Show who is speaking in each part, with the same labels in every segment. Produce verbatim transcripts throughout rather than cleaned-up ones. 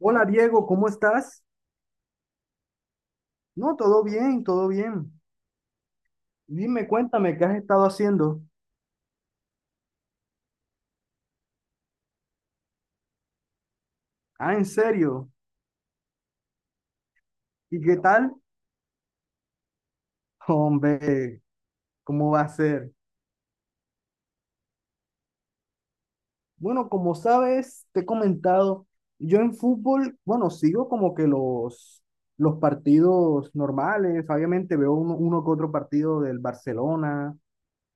Speaker 1: Hola Diego, ¿cómo estás? No, todo bien, todo bien. Dime, cuéntame, ¿qué has estado haciendo? Ah, ¿en serio? ¿Y qué tal? Hombre, ¿cómo va a ser? Bueno, como sabes, te he comentado, yo en fútbol, bueno, sigo como que los, los partidos normales, obviamente veo uno, uno que otro partido del Barcelona,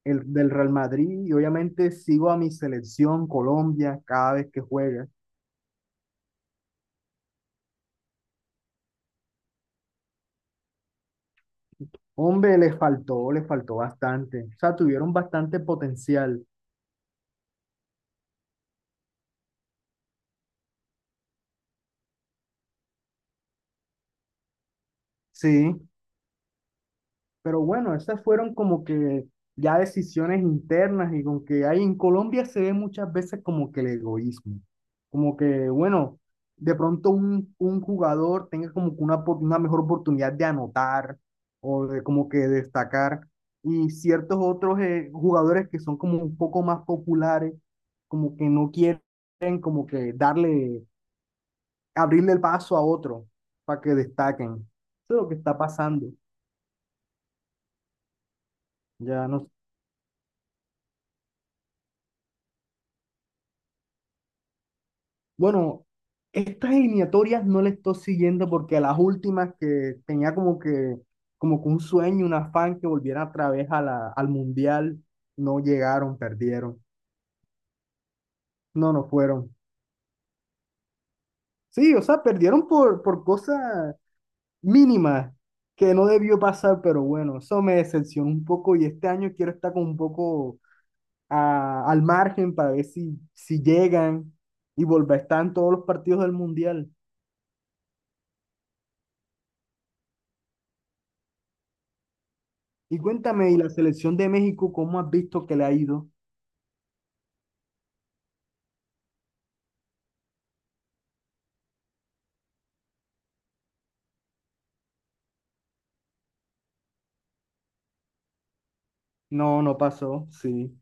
Speaker 1: el del Real Madrid, y obviamente sigo a mi selección Colombia cada vez que juega. Hombre, les faltó, les faltó bastante. O sea, tuvieron bastante potencial. Sí, pero bueno, esas fueron como que ya decisiones internas y con que hay en Colombia se ve muchas veces como que el egoísmo. Como que, bueno, de pronto un, un jugador tenga como que una, opor- una mejor oportunidad de anotar o de como que destacar. Y ciertos otros eh, jugadores que son como un poco más populares, como que no quieren como que darle abrirle el paso a otro para que destaquen. Eso es lo que está pasando. Ya no, bueno, estas eliminatorias no las estoy siguiendo porque las últimas que tenía como que, como que un sueño, un afán que volvieran otra vez a la, al mundial, no llegaron, perdieron. No, no fueron. Sí, o sea, perdieron por, por cosas mínimas que no debió pasar, pero bueno, eso me decepcionó un poco y este año quiero estar con un poco a- al margen para ver si, si llegan y volver, están todos los partidos del Mundial. Y cuéntame, ¿y la selección de México cómo has visto que le ha ido? No, no pasó, sí.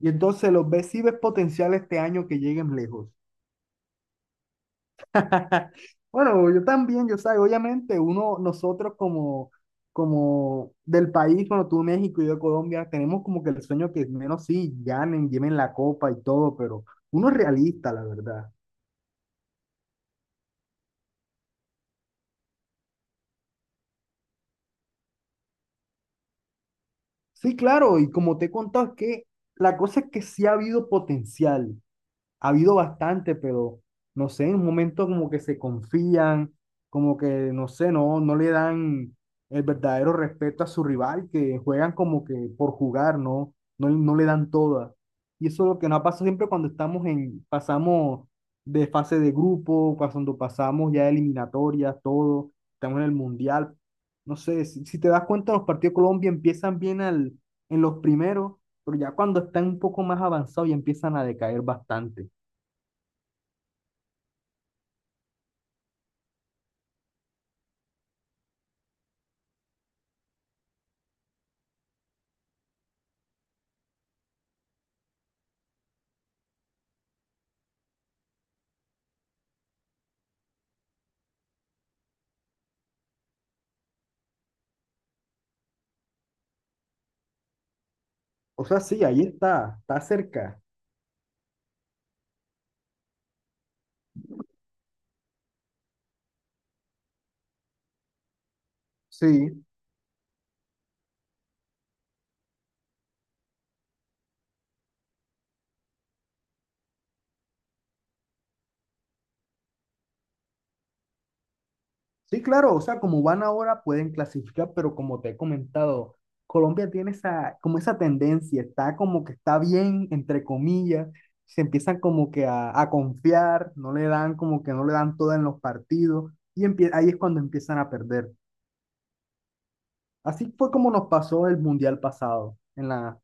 Speaker 1: Y entonces, ¿los ves si ves potencial este año que lleguen lejos? Bueno, yo también, yo sé, obviamente uno, nosotros como, como del país, bueno, tú México y yo Colombia, tenemos como que el sueño que menos sí, ganen, lleven la copa y todo, pero uno es realista, la verdad. Sí, claro, y como te he contado, es que la cosa es que sí ha habido potencial, ha habido bastante, pero no sé, en un momento como que se confían, como que no sé, no, no le dan el verdadero respeto a su rival, que juegan como que por jugar, ¿no? No, no le dan toda. Y eso es lo que nos pasa siempre cuando estamos en, pasamos de fase de grupo, cuando pasamos ya de eliminatorias, todo, estamos en el mundial. No sé, si, si te das cuenta, los partidos de Colombia empiezan bien al, en los primeros, pero ya cuando están un poco más avanzados ya empiezan a decaer bastante. O sea, sí, ahí está, está cerca. Sí, sí, claro, o sea, como van ahora pueden clasificar, pero como te he comentado, Colombia tiene esa, como esa tendencia, está como que está bien, entre comillas, se empiezan como que a, a confiar, no le dan como que no le dan toda en los partidos, y empie- ahí es cuando empiezan a perder. Así fue como nos pasó el mundial pasado, en la,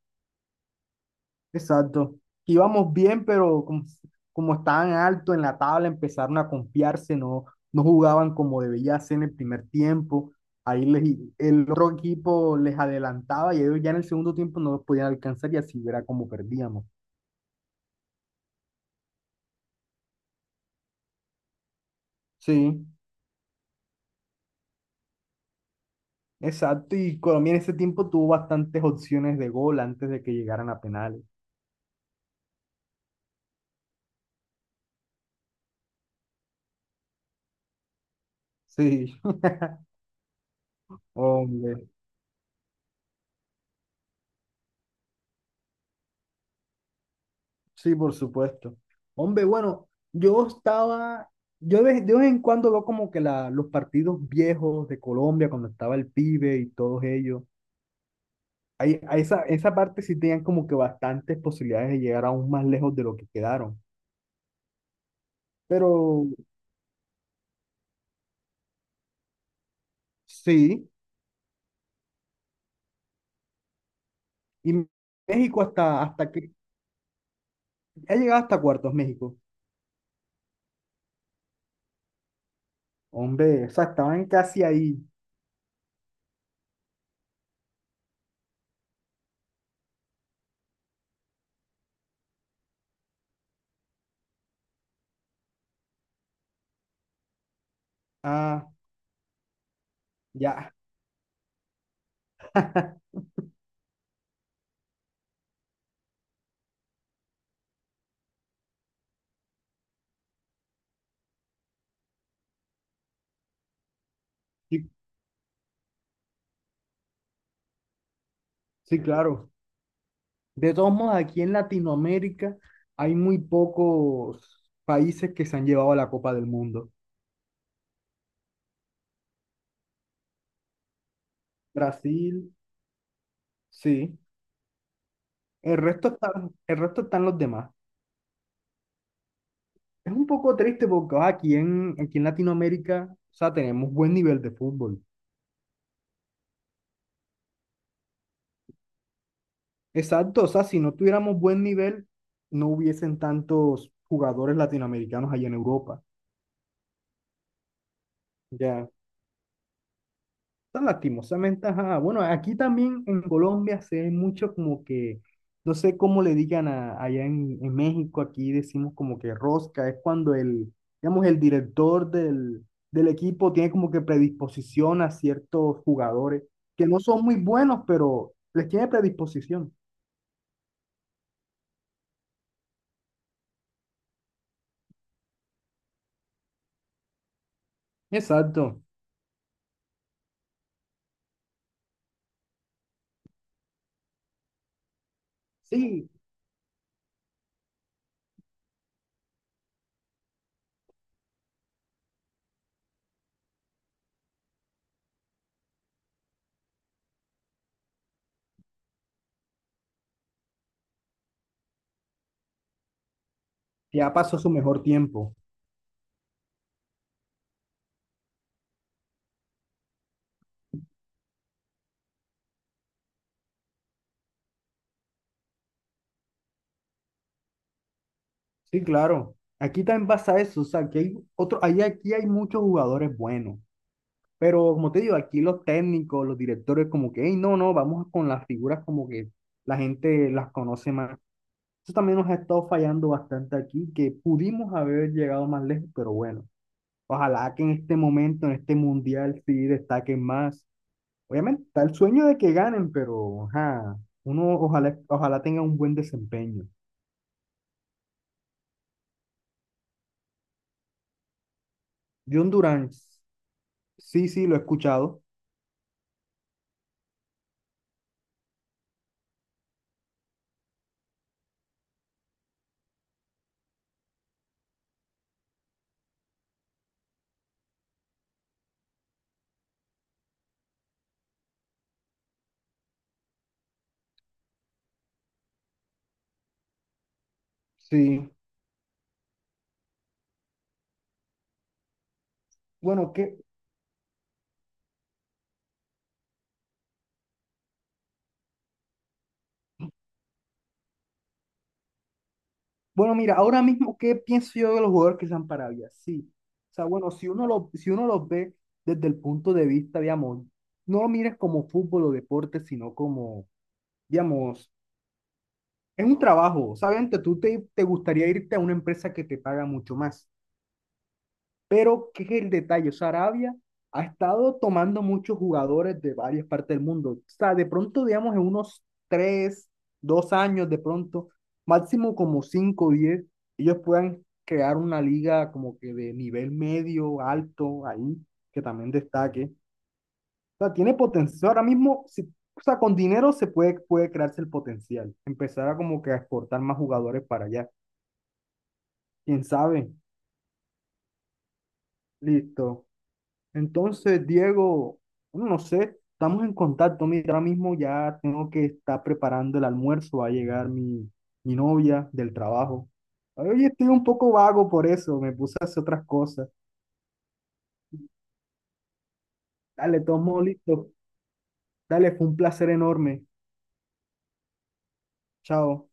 Speaker 1: exacto. Íbamos bien, pero como, como estaban alto en la tabla, empezaron a confiarse, no, no jugaban como debía ser en el primer tiempo. Ahí les, el otro equipo les adelantaba y ellos ya en el segundo tiempo no los podían alcanzar y así era como perdíamos. Sí, exacto. Y Colombia en ese tiempo tuvo bastantes opciones de gol antes de que llegaran a penales. Sí, hombre. Sí, por supuesto. Hombre, bueno, yo estaba, yo de, de vez en cuando veo como que la, los partidos viejos de Colombia, cuando estaba el pibe y todos ellos, ahí, a esa, esa parte sí tenían como que bastantes posibilidades de llegar aún más lejos de lo que quedaron. Pero sí, y México hasta, hasta que, ha llegado hasta cuartos México. Hombre, o sea, estaban casi ahí. Ah, ya, sí, sí, claro. De todos modos, aquí en Latinoamérica hay muy pocos países que se han llevado la Copa del Mundo. Brasil, sí. El resto está, el resto están los demás. Es un poco triste porque ah, aquí en, aquí en Latinoamérica, o sea, tenemos buen nivel de fútbol. Exacto, o sea, si no tuviéramos buen nivel, no hubiesen tantos jugadores latinoamericanos allá en Europa. Ya, o sea, lastimosamente, ajá. Bueno, aquí también en Colombia se ve mucho como que, no sé cómo le digan a- allá en, en México, aquí decimos como que rosca, es cuando el, digamos, el director del, del equipo tiene como que predisposición a ciertos jugadores que no son muy buenos, pero les tiene predisposición. Exacto. Sí, ya pasó su mejor tiempo. Sí, claro. Aquí también pasa eso, o sea, que hay otro, ahí aquí hay muchos jugadores buenos. Pero como te digo, aquí los técnicos, los directores, como que, hey, no, no, vamos con las figuras como que la gente las conoce más. Eso también nos ha estado fallando bastante aquí, que pudimos haber llegado más lejos, pero bueno, ojalá que en este momento, en este mundial, sí destaquen más. Obviamente, está el sueño de que ganen, pero ajá, uno ojalá, ojalá tenga un buen desempeño. John Durán, sí, sí, lo he escuchado. Sí, bueno, ¿qué, bueno, mira, ahora mismo, ¿qué pienso yo de los jugadores que están para Arabia? Sí. O sea, bueno, si uno lo, si uno los ve desde el punto de vista, digamos, no lo mires como fútbol o deporte, sino como, digamos, es un trabajo. Obviamente, tú te, te gustaría irte a una empresa que te paga mucho más. Pero, ¿qué es el detalle? O sea, Arabia ha estado tomando muchos jugadores de varias partes del mundo. O sea, de pronto, digamos, en unos tres, dos años, de pronto, máximo como cinco o diez, ellos puedan crear una liga como que de nivel medio, alto, ahí, que también destaque. O sea, tiene potencial. Ahora mismo, si, o sea, con dinero se puede, puede crearse el potencial. Empezar a como que a exportar más jugadores para allá. ¿Quién sabe? Listo. Entonces, Diego, bueno, no sé, estamos en contacto. Mira, ahora mismo ya tengo que estar preparando el almuerzo. Va a llegar mi, mi novia del trabajo. Oye, estoy un poco vago por eso. Me puse a hacer otras cosas. Dale, todo listo. Dale, fue un placer enorme. Chao.